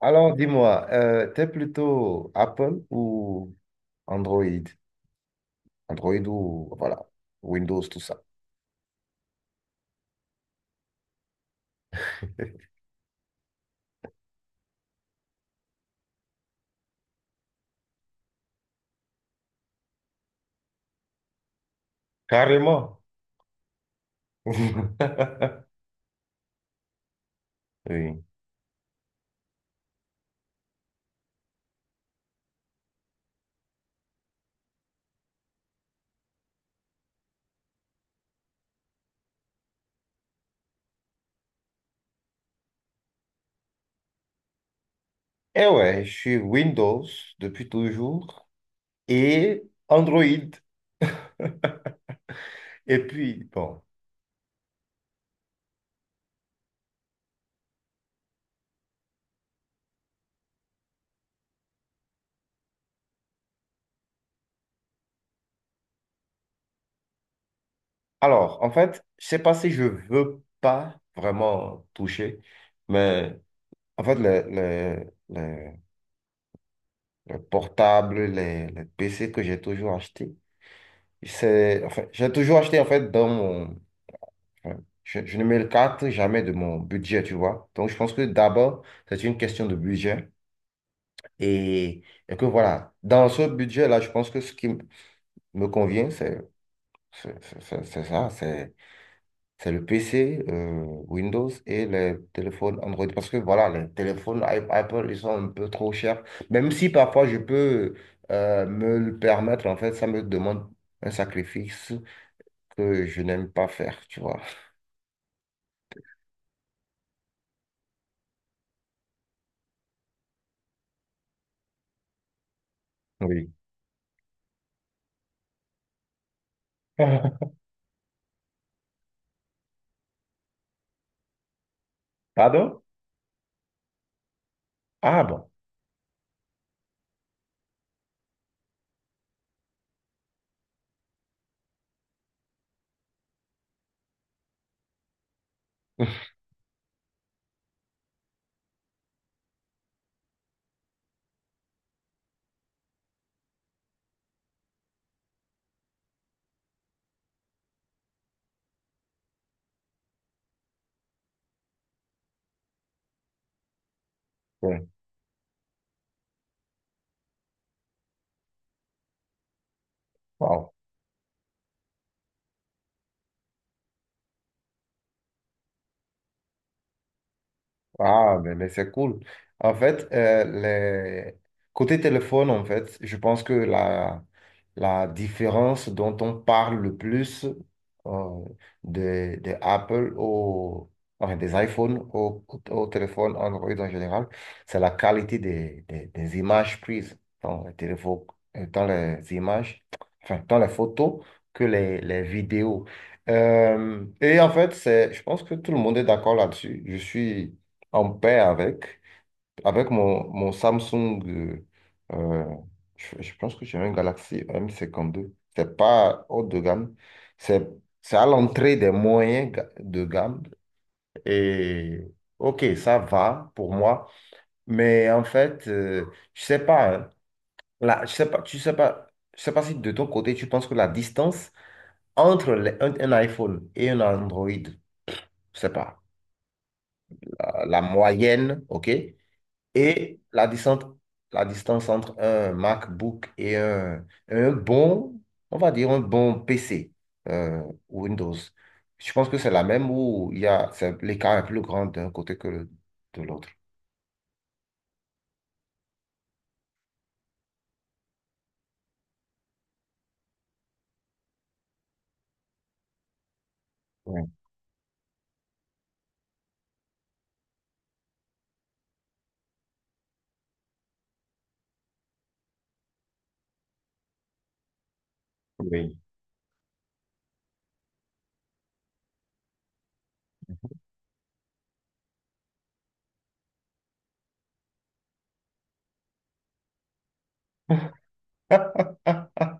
Alors, dis-moi, t'es plutôt Apple ou Android? Android ou, voilà, Windows, tout ça. Carrément. Oui. Eh ouais, je suis Windows depuis toujours et Android. Et puis, bon. Alors, en fait, je sais pas si je veux pas vraiment toucher, mais en fait, le, le portable, les PC que j'ai toujours acheté. C'est, enfin, j'ai toujours acheté en fait dans mon. Enfin, je ne me carte jamais de mon budget, tu vois. Donc, je pense que d'abord, c'est une question de budget. Et, que voilà, dans ce budget-là, je pense que ce qui me convient, c'est ça, c'est le PC, Windows et les téléphones Android. Parce que voilà, les téléphones Apple, ils sont un peu trop chers. Même si parfois je peux me le permettre, en fait, ça me demande un sacrifice que je n'aime pas faire, tu vois. Oui. Pardon? Ah bon? Ouais. Wow. Ah, mais c'est cool. En fait, côté téléphone, en fait, je pense que la différence dont on parle le plus, euh, des des Apple au... enfin, des iPhones au téléphone Android en général, c'est la qualité des images prises dans les téléphones, euh, dans les images, enfin, dans les photos que les vidéos. Et en fait, je pense que tout le monde est d'accord là-dessus. Je suis en paix avec. Avec mon Samsung, euh, je pense que j'ai un Galaxy M52. C'est pas haut de gamme. C'est, c'est à l'entrée des moyens de gamme. Et OK, ça va pour moi. Mais en fait, je sais pas, hein. Là, je sais pas, tu sais pas, je sais pas si de ton côté, tu penses que la distance entre un iPhone et un Android, je sais pas, la moyenne, OK? Et la distance entre un MacBook et un bon, on va dire un bon PC, euh, Windows. Je pense que c'est la même où il y a, l'écart est plus grand d'un côté que de l'autre. Ouais. Oui.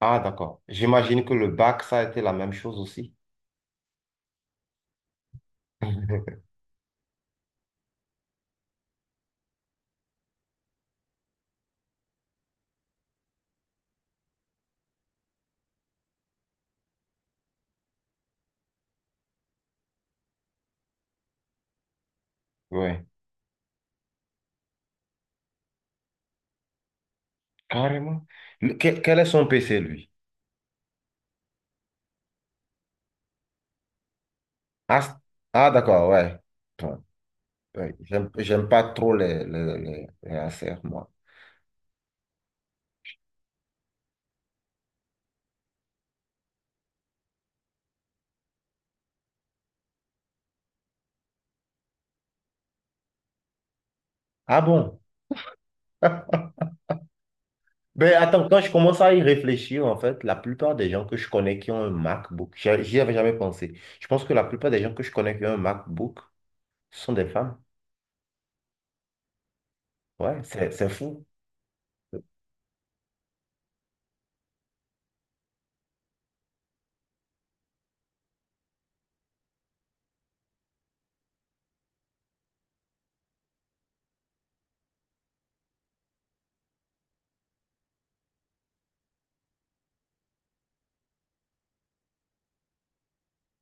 Ah, d'accord. J'imagine que le bac, ça a été la même chose aussi. Ouais, carrément. Quel est son PC, lui? Ah, ah, d'accord, ouais. Bon, ouais, j'aime pas trop les Acer, moi. Ah bon? Ben, attends, quand je commence à y réfléchir, en fait, la plupart des gens que je connais qui ont un MacBook, j'y avais jamais pensé. Je pense que la plupart des gens que je connais qui ont un MacBook sont des femmes. Ouais, c'est fou.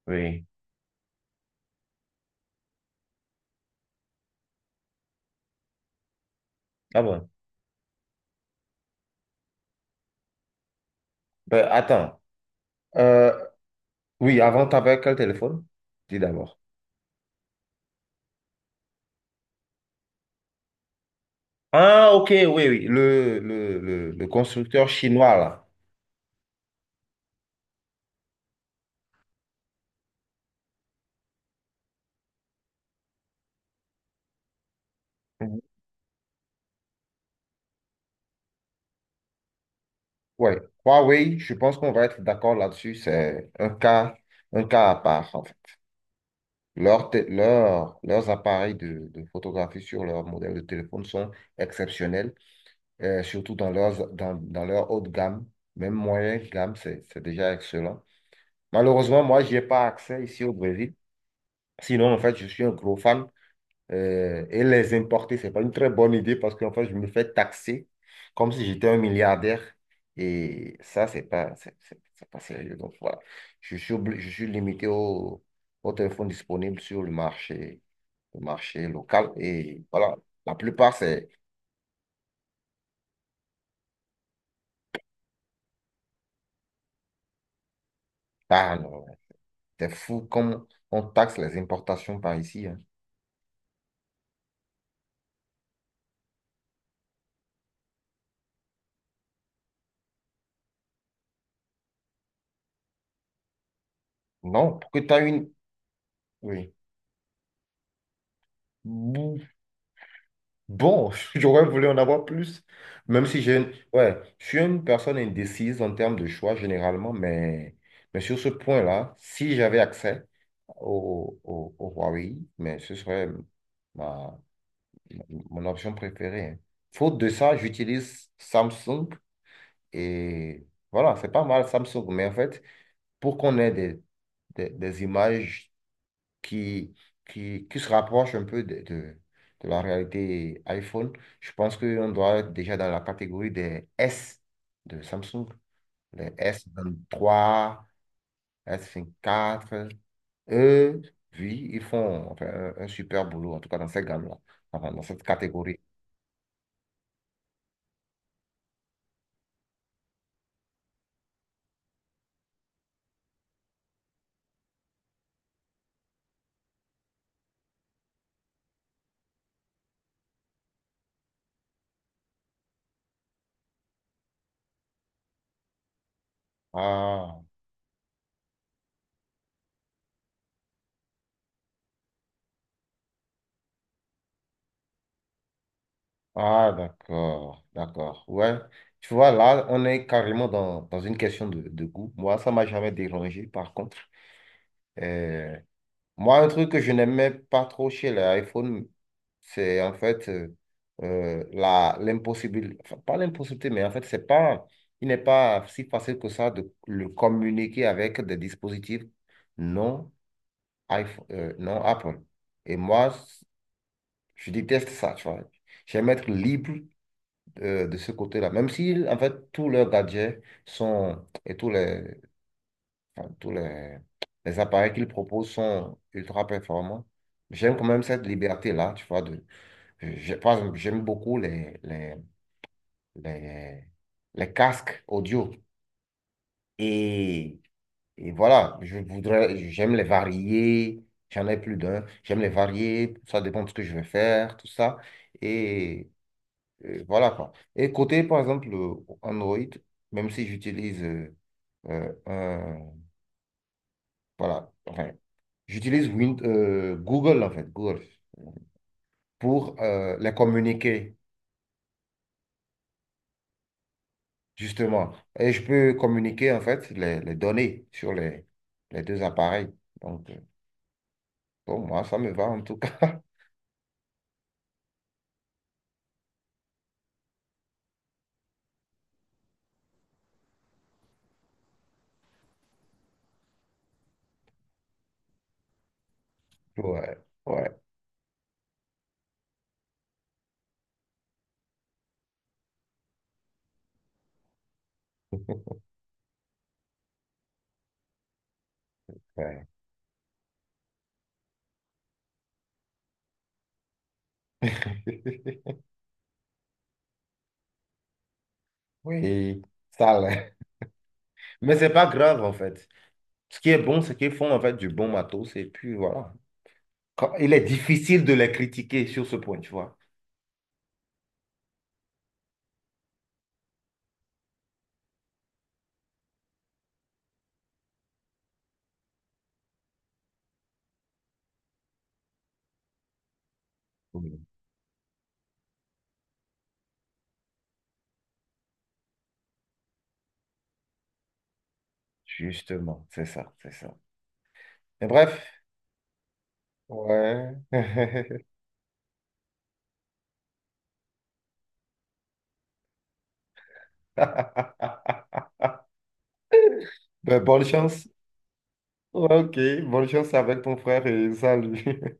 Oui. Ah bon. Ben, attends. Euh, oui, avant, t'avais quel téléphone? Dis d'abord. Ah, ok, oui, oui. Le constructeur chinois, là. Mhm. Ouais. Huawei, je pense qu'on va être d'accord là-dessus. C'est un cas à part. Leurs appareils de photographie sur leur modèle de téléphone sont exceptionnels, surtout dans leur haute gamme, même moyenne gamme, c'est déjà excellent. Malheureusement, moi, je n'y pas accès ici au Brésil. Sinon, en fait, je suis un gros fan, et les importer, c'est pas une très bonne idée parce qu'en fait, je me fais taxer comme si j'étais un milliardaire. Et ça, c'est pas sérieux. Donc voilà, je suis limité au téléphone disponible sur le marché local. Et voilà, la plupart, c'est ah, non, t'es fou comme on taxe les importations par ici, hein. Non, pour que tu as une. Oui. Bon, j'aurais voulu en avoir plus, même si ouais, je suis une personne indécise en termes de choix généralement, mais sur ce point-là, si j'avais accès au Huawei, mais ce serait ma, mon option préférée, hein. Faute de ça, j'utilise Samsung et voilà, c'est pas mal Samsung, mais en fait, pour qu'on ait des images qui, qui se rapproche un peu de la réalité iPhone. Je pense qu'on doit être déjà dans la catégorie des S de Samsung, les S23, S24. Eux, oui, ils font enfin, un super boulot, en tout cas dans cette gamme-là, enfin, dans cette catégorie. Ah, ah, d'accord, d'accord. Ouais. Tu vois, là, on est carrément dans une question de goût. Moi, ça m'a jamais dérangé, par contre. Euh, Moi, un truc que je n'aimais pas trop chez les iPhones, c'est en fait l'impossibilité, enfin, pas l'impossibilité, mais en fait, c'est pas, il n'est pas si facile que ça de le communiquer avec des dispositifs non, iPhone, non Apple. Et moi, je déteste ça, tu vois. J'aime être libre de ce côté-là, même si, en fait, tous leurs gadgets sont, et tous les enfin, tous les appareils qu'ils proposent sont ultra performants. J'aime quand même cette liberté-là, tu vois. Par exemple, j'aime beaucoup les, les casques audio. Et, et voilà, j'aime les varier. J'en ai plus d'un. J'aime les varier. Ça dépend de ce que je vais faire, tout ça. Et, voilà quoi. Et côté, par exemple, Android, même si j'utilise euh, un, voilà, enfin, j'utilise Google, en fait, Google, pour les communiquer, justement. Et je peux communiquer, en fait, les données sur les deux appareils. Donc, pour moi, ça me va, en tout cas. Ouais, ouais, ouais. Oui, ça l'est. Mais c'est pas grave, en fait. Ce qui est bon, c'est qu'ils font, en fait, du bon matos. Et puis, voilà. Il est difficile de les critiquer sur ce point, tu vois. Oui. Justement, c'est ça, c'est ça. Mais bref, ouais. Ben, bonne chance. Ouais, Ok, bonne chance avec ton frère et salut.